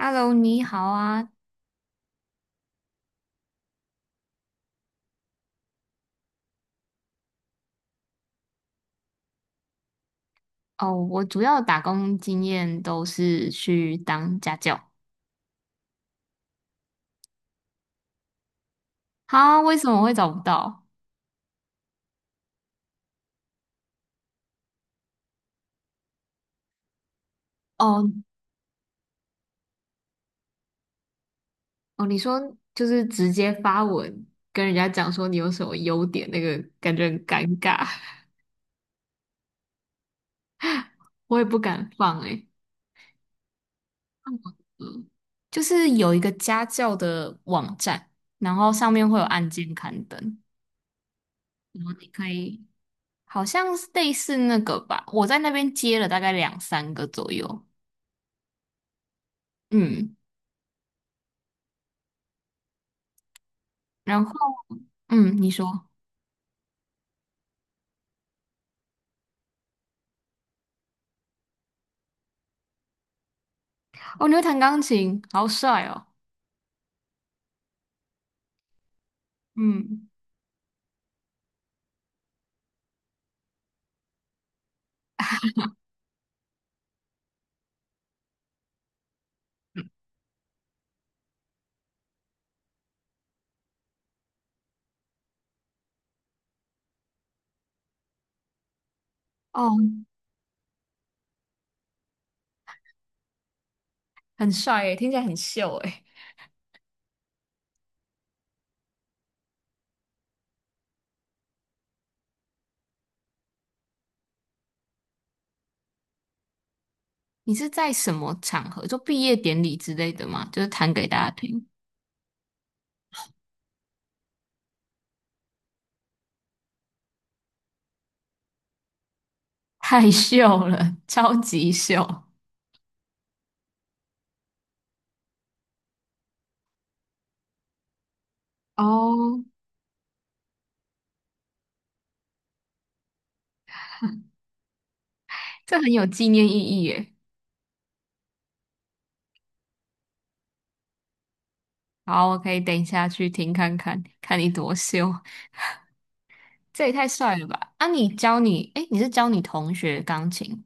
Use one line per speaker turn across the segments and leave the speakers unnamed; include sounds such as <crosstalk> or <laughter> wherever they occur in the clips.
Hello，你好啊。哦，我主要打工经验都是去当家教。哈，为什么会找不到？哦哦，你说就是直接发文跟人家讲说你有什么优点，那个感觉很尴尬，<laughs> 我也不敢放诶、<laughs> 嗯，就是有一个家教的网站，然后上面会有案件刊登，然后你可以好像是类似那个吧，我在那边接了大概两三个左右。嗯，然后。嗯，你说，哦，你会弹钢琴，好帅哦。嗯，哦，很帅诶，听起来很秀诶。你是在什么场合，就毕业典礼之类的吗？就是弹给大家听。<laughs> 太秀了，超级秀。哦，这很有纪念意义耶。好，我可以等一下去听看看，看你多秀。这也太帅了吧！啊，你教你，诶，你是教你同学钢琴，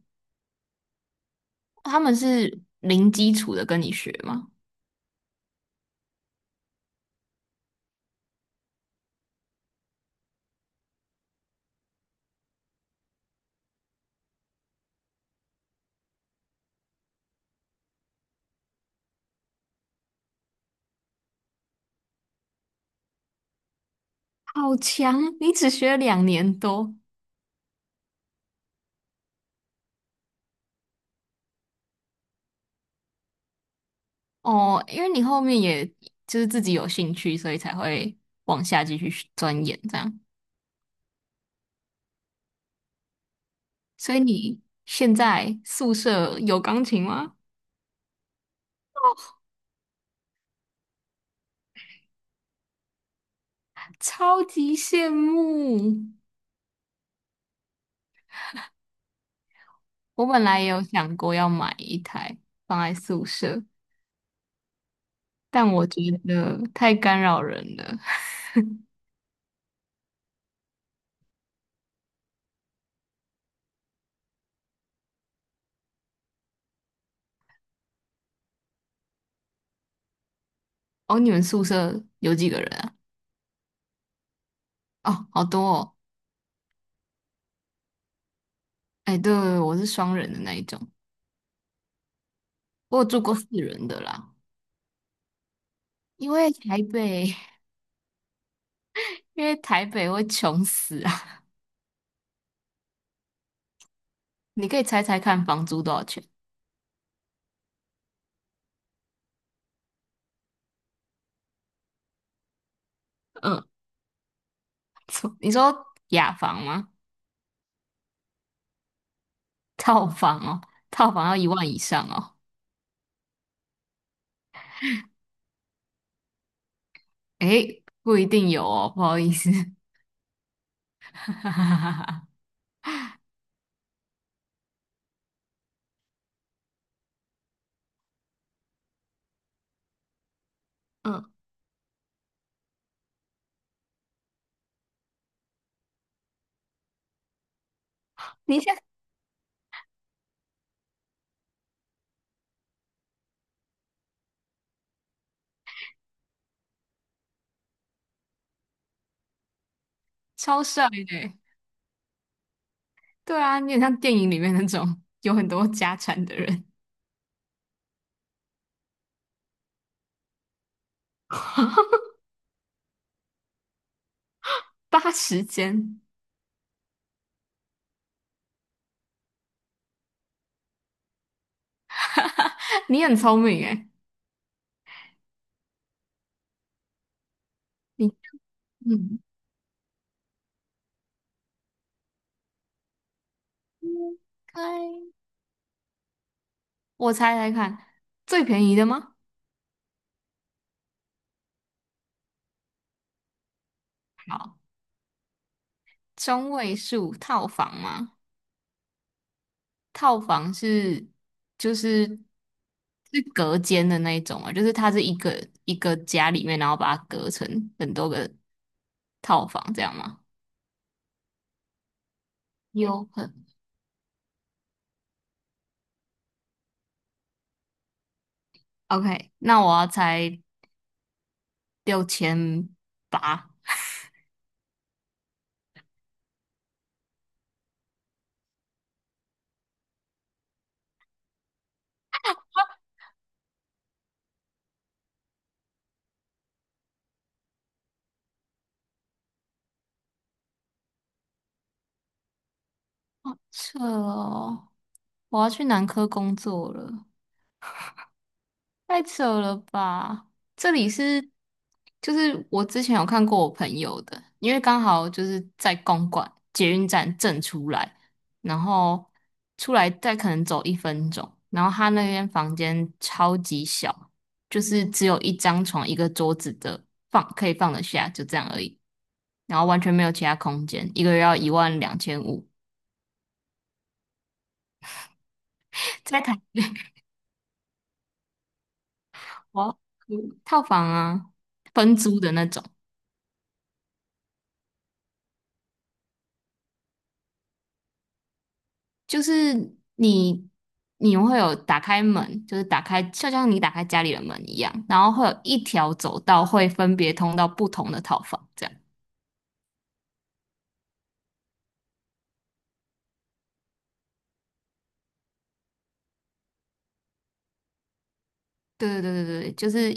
他们是零基础的跟你学吗？好强，你只学了2年多。哦，因为你后面也就是自己有兴趣，所以才会往下继续钻研这样。所以你现在宿舍有钢琴吗？超级羡慕！我本来也有想过要买一台放在宿舍，但我觉得太干扰人了。<laughs> 哦，你们宿舍有几个人啊？哦，好多哦。哎，对，我是双人的那一种，我有住过4人的啦。因为台北，<laughs> 因为台北会穷死。你可以猜猜看房租多少钱？嗯，错你说雅房吗？套房哦，套房要1万以上哦。诶，不一定有哦，不好意思。<laughs> 嗯，你现在超帅的欸。对啊，你很像电影里面那种有很多家产的人。80间，<laughs> 你很聪明诶。你嗯，应该我猜猜看，最便宜的吗？好，中位数套房吗？套房是就是是隔间的那一种啊，就是它是一个一个家里面，然后把它隔成很多个套房，这样吗？有很 OK，那我要猜6800。这哦，我要去男科工作了。太扯了吧！这里是，就是我之前有看过我朋友的，因为刚好就是在公馆捷运站正出来，然后出来再可能走1分钟，然后他那间房间超级小，就是只有一张床一个桌子的放可以放得下，就这样而已，然后完全没有其他空间，一个月要12500。在台湾 <laughs> 套房啊，分租的那种。就是你你会有打开门，就是打开，就像你打开家里的门一样，然后会有一条走道会分别通到不同的套房，这样。对对对对对，就是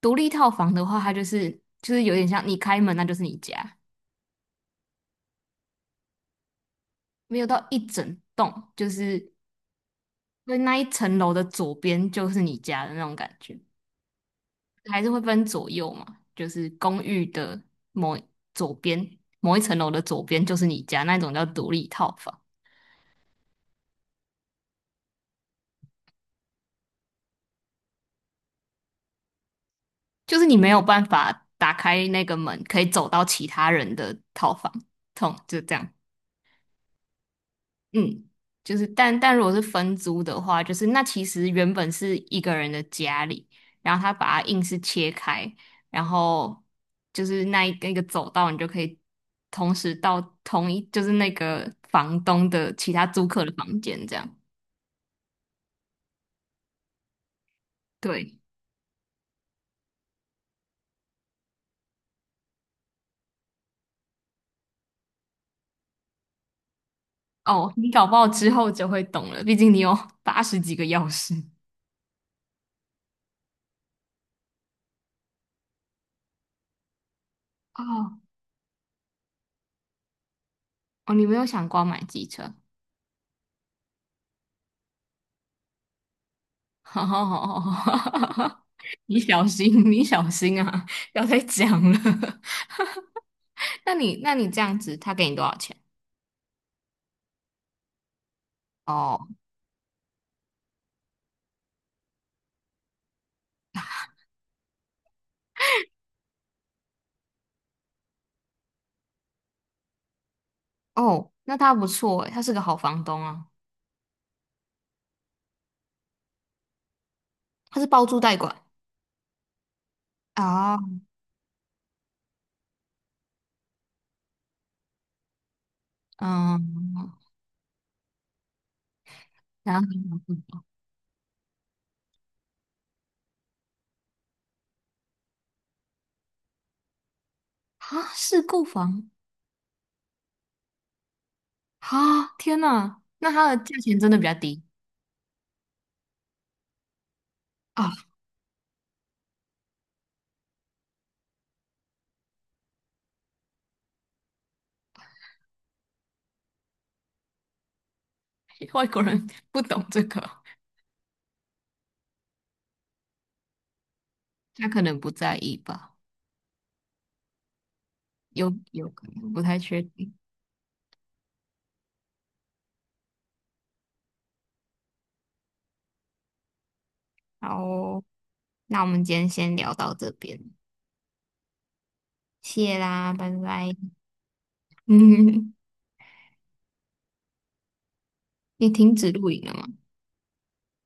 独立套房的话，它就是就是有点像你开门，那就是你家。没有到一整栋，就是因为那一层楼的左边就是你家的那种感觉，还是会分左右嘛，就是公寓的某左边某一层楼的左边就是你家，那种叫独立套房。就是你没有办法打开那个门，可以走到其他人的套房，痛就这样。嗯，就是但如果是分租的话，就是那其实原本是一个人的家里，然后他把它硬是切开，然后就是那一个一个走道，你就可以同时到同一就是那个房东的其他租客的房间这样。对，哦，你搞不好之后就会懂了，毕竟你有80几个钥匙。哦，哦，你没有想过要买机车？<laughs> 好好好好好，<laughs> 你小心，你小心啊，不要再讲了。<laughs> 那你这样子，他给你多少钱？哦哦，那他不错诶，他是个好房东啊，他是包租代管啊。嗯，然后啊，是购房啊，天呐，那他的价钱真的比较低啊。<laughs> 外国人不懂这个 <laughs>，他可能不在意吧，有可能不太确定。好哦，那我们今天先聊到这边。谢啦，拜拜。<laughs> 嗯，你停止录影了吗？